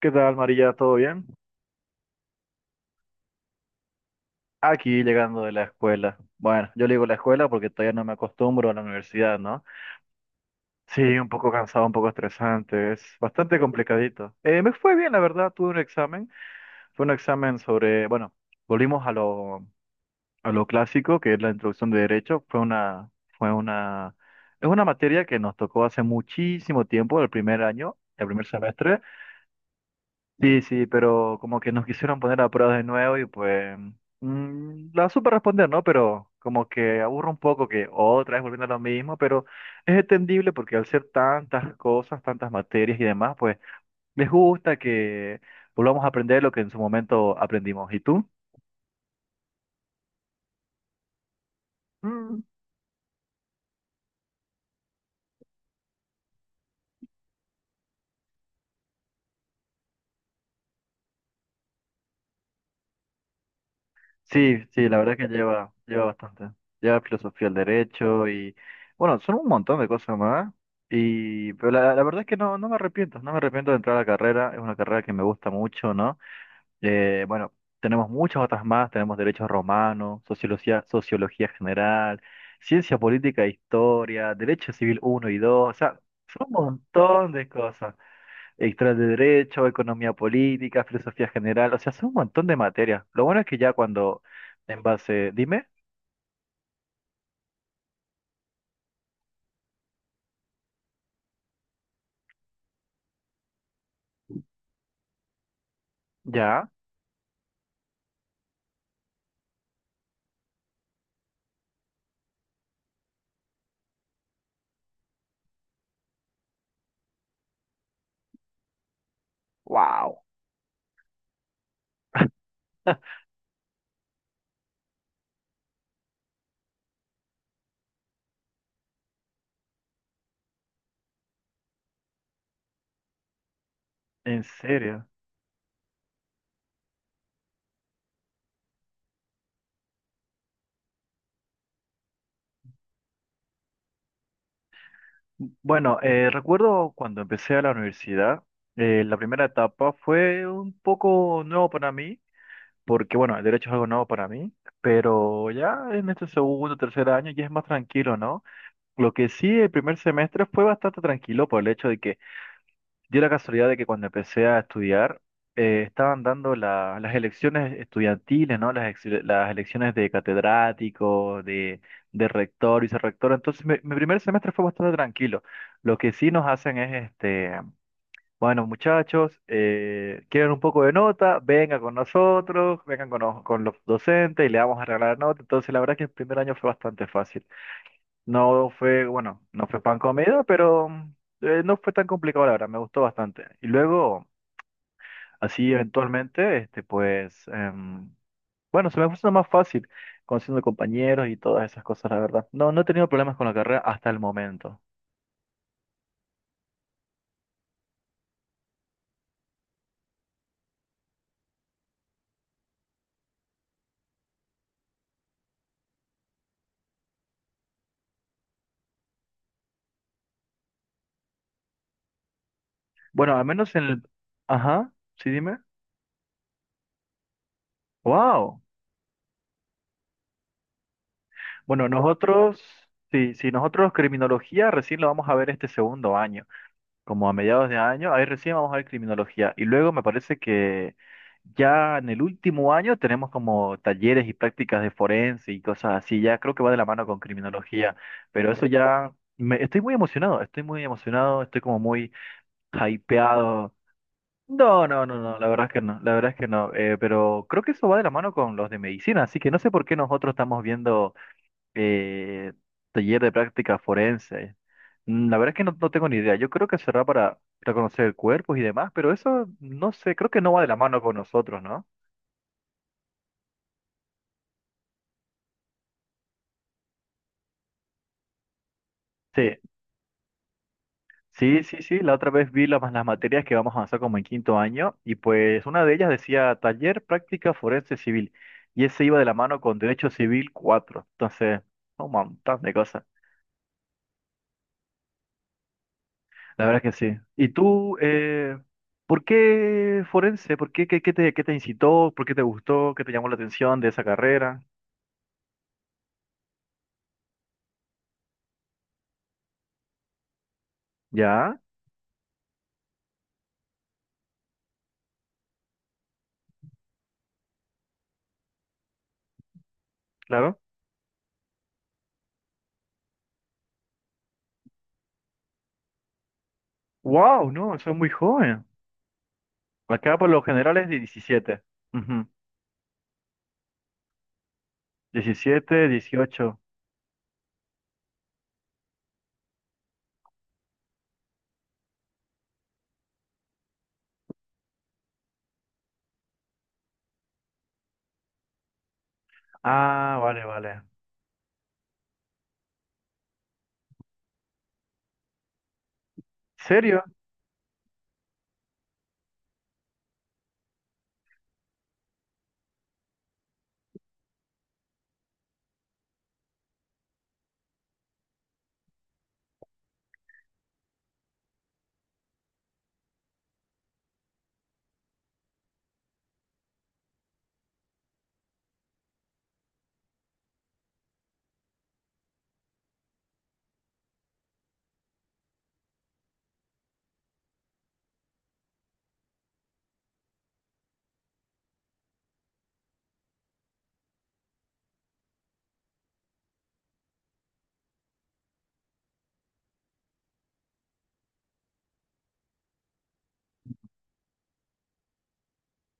¿Qué tal, María? ¿Todo bien? Aquí llegando de la escuela. Bueno, yo le digo la escuela porque todavía no me acostumbro a la universidad, ¿no? Sí, un poco cansado, un poco estresante, es bastante complicadito. Me fue bien, la verdad, tuve un examen. Fue un examen sobre, bueno, volvimos a a lo clásico, que es la introducción de derecho. Fue una, es una materia que nos tocó hace muchísimo tiempo, el primer año, el primer semestre. Sí, sí, pero como que nos quisieron poner a prueba de nuevo y pues la supe responder, ¿no? Pero como que aburre un poco que otra vez volviendo a lo mismo, pero es entendible porque al ser tantas cosas, tantas materias y demás, pues les gusta que volvamos a aprender lo que en su momento aprendimos. ¿Y tú? Sí, sí, la verdad que lleva bastante. Lleva filosofía del derecho y, bueno, son un montón de cosas más. Y, pero la verdad es que no me arrepiento, no me arrepiento de entrar a la carrera. Es una carrera que me gusta mucho, ¿no? Bueno, tenemos muchas otras más. Tenemos derecho romano, sociología, sociología general, ciencia política e historia, derecho civil uno y dos. O sea, son un montón de cosas. Historia de Derecho, Economía Política, Filosofía General, o sea, son un montón de materias. Lo bueno es que ya cuando, en base, dime, ya, wow, en serio. Bueno, recuerdo cuando empecé a la universidad, la primera etapa fue un poco nuevo para mí, porque bueno, el derecho es algo nuevo para mí, pero ya en este segundo, tercer año ya es más tranquilo, ¿no? Lo que sí, el primer semestre fue bastante tranquilo por el hecho de que dio la casualidad de que cuando empecé a estudiar, estaban dando las elecciones estudiantiles, ¿no? Las elecciones de catedrático, de rector, vicerrector. Entonces, mi primer semestre fue bastante tranquilo. Lo que sí nos hacen es, este, bueno, muchachos, quieren un poco de nota, vengan con nosotros, vengan con los docentes y le vamos a regalar nota. Entonces, la verdad que el primer año fue bastante fácil. No fue, bueno, no fue pan comida, pero no fue tan complicado, la verdad, me gustó bastante. Y luego, así eventualmente, este, pues, bueno, se me puso más fácil conociendo compañeros y todas esas cosas, la verdad. No, no he tenido problemas con la carrera hasta el momento. Bueno, al menos en el... Ajá, sí, dime. Wow. Bueno, nosotros, sí, sí, nosotros criminología recién lo vamos a ver este segundo año, como a mediados de año, ahí recién vamos a ver criminología. Y luego me parece que ya en el último año tenemos como talleres y prácticas de forense y cosas así, ya creo que va de la mano con criminología, pero eso ya, me, estoy muy emocionado, estoy muy emocionado, estoy como muy hypeado. No, no, no, no, la verdad es que no, la verdad es que no, pero creo que eso va de la mano con los de medicina, así que no sé por qué nosotros estamos viendo eh, taller de práctica forense. La verdad es que no, no tengo ni idea. Yo creo que será para reconocer cuerpos y demás, pero eso no sé, creo que no va de la mano con nosotros, ¿no? Sí, sí, sí, sí. La otra vez vi las materias que vamos a avanzar como en quinto año y pues una de ellas decía taller práctica forense civil y ese iba de la mano con derecho civil 4. Entonces, un montón de cosas. La verdad que sí. ¿Y tú, por qué forense? ¿Por qué, qué, qué te incitó? ¿Por qué te gustó? ¿Qué te llamó la atención de esa carrera? ¿Ya? Claro. ¡Wow! No, eso es muy joven. Acá por lo general es de diecisiete. Ujú. 17, 18. Ah, vale, vale. ¿Serio?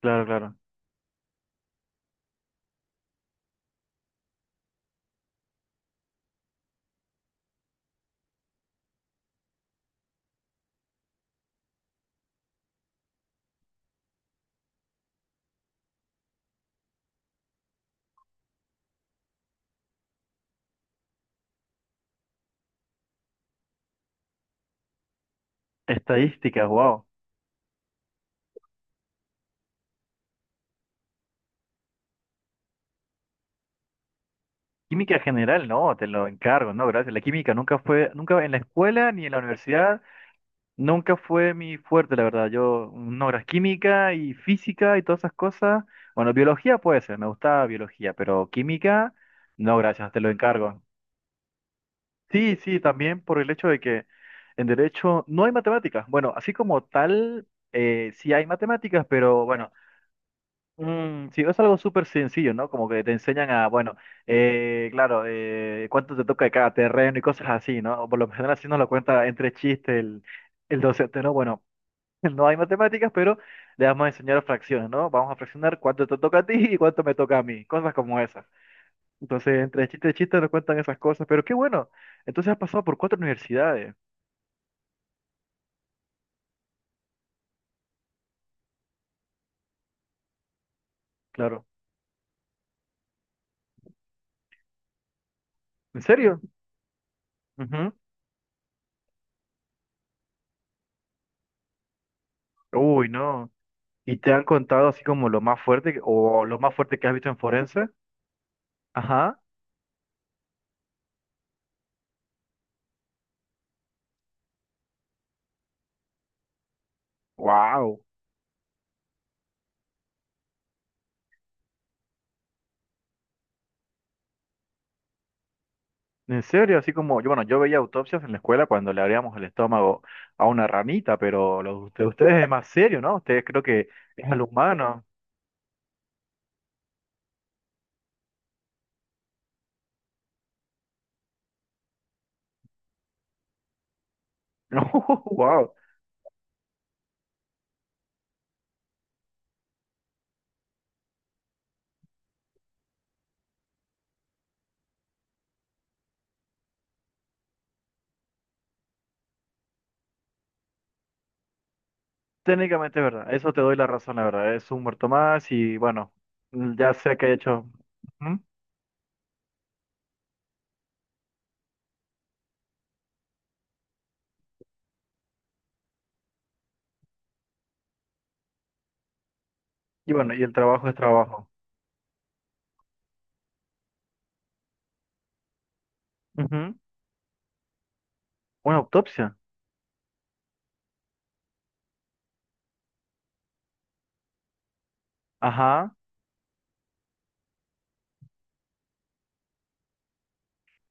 Claro, claro. Estadísticas, wow. Química general, no, te lo encargo, no, gracias. La química nunca fue, nunca en la escuela ni en la universidad. Nunca fue mi fuerte, la verdad. Yo, no, era química y física y todas esas cosas. Bueno, biología puede ser, me gustaba biología, pero química, no, gracias, te lo encargo. Sí, sí, también por el hecho de que en derecho no hay matemáticas. Bueno, así como tal, sí hay matemáticas, pero bueno, sí, es algo súper sencillo, ¿no? Como que te enseñan a, bueno, claro, cuánto te toca de cada terreno y cosas así, ¿no? O por lo general así nos lo cuenta entre chistes el docente, ¿no? Bueno. No hay matemáticas, pero le vamos a enseñar fracciones, ¿no? Vamos a fraccionar cuánto te toca a ti y cuánto me toca a mí, cosas como esas. Entonces, entre chiste y chiste nos cuentan esas cosas, pero qué bueno. Entonces has pasado por cuatro universidades, claro. ¿En serio? Ujú. Uy, no. ¿Y te han contado así como lo más fuerte o lo más fuerte que has visto en forense? Ajá. Wow. En serio, así como yo, bueno, yo veía autopsias en la escuela cuando le abríamos el estómago a una ranita, pero lo de ustedes es más serio, ¿no? Ustedes creo que es al humano. wow. Técnicamente es verdad. Eso te doy la razón, la verdad. Es un muerto más y bueno, ya sé que he hecho. Ujú. Y bueno, y el trabajo es trabajo. Ujú. Una autopsia. Ajá.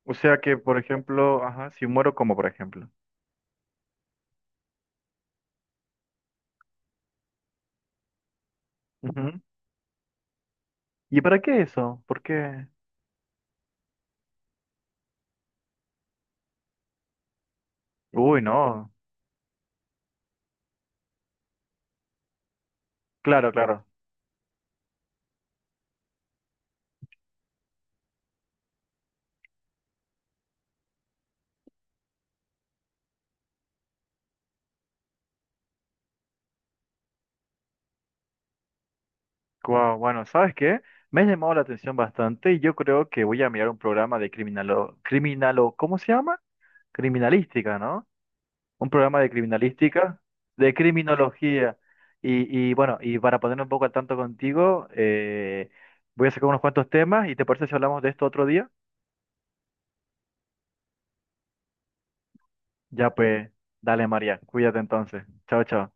O sea que, por ejemplo, ajá, si muero como, por ejemplo. Ujú. ¿Y para qué eso? ¿Por qué? Uy, no. Claro, claro. Guau, bueno, ¿sabes qué? Me ha llamado la atención bastante y yo creo que voy a mirar un programa de criminalo, criminalo, ¿cómo se llama? Criminalística, ¿no? Un programa de criminalística, de criminología. Y bueno, y para ponerme un poco al tanto contigo, voy a sacar unos cuantos temas y ¿te parece si hablamos de esto otro día? Ya pues, dale María, cuídate entonces. Chao, chao.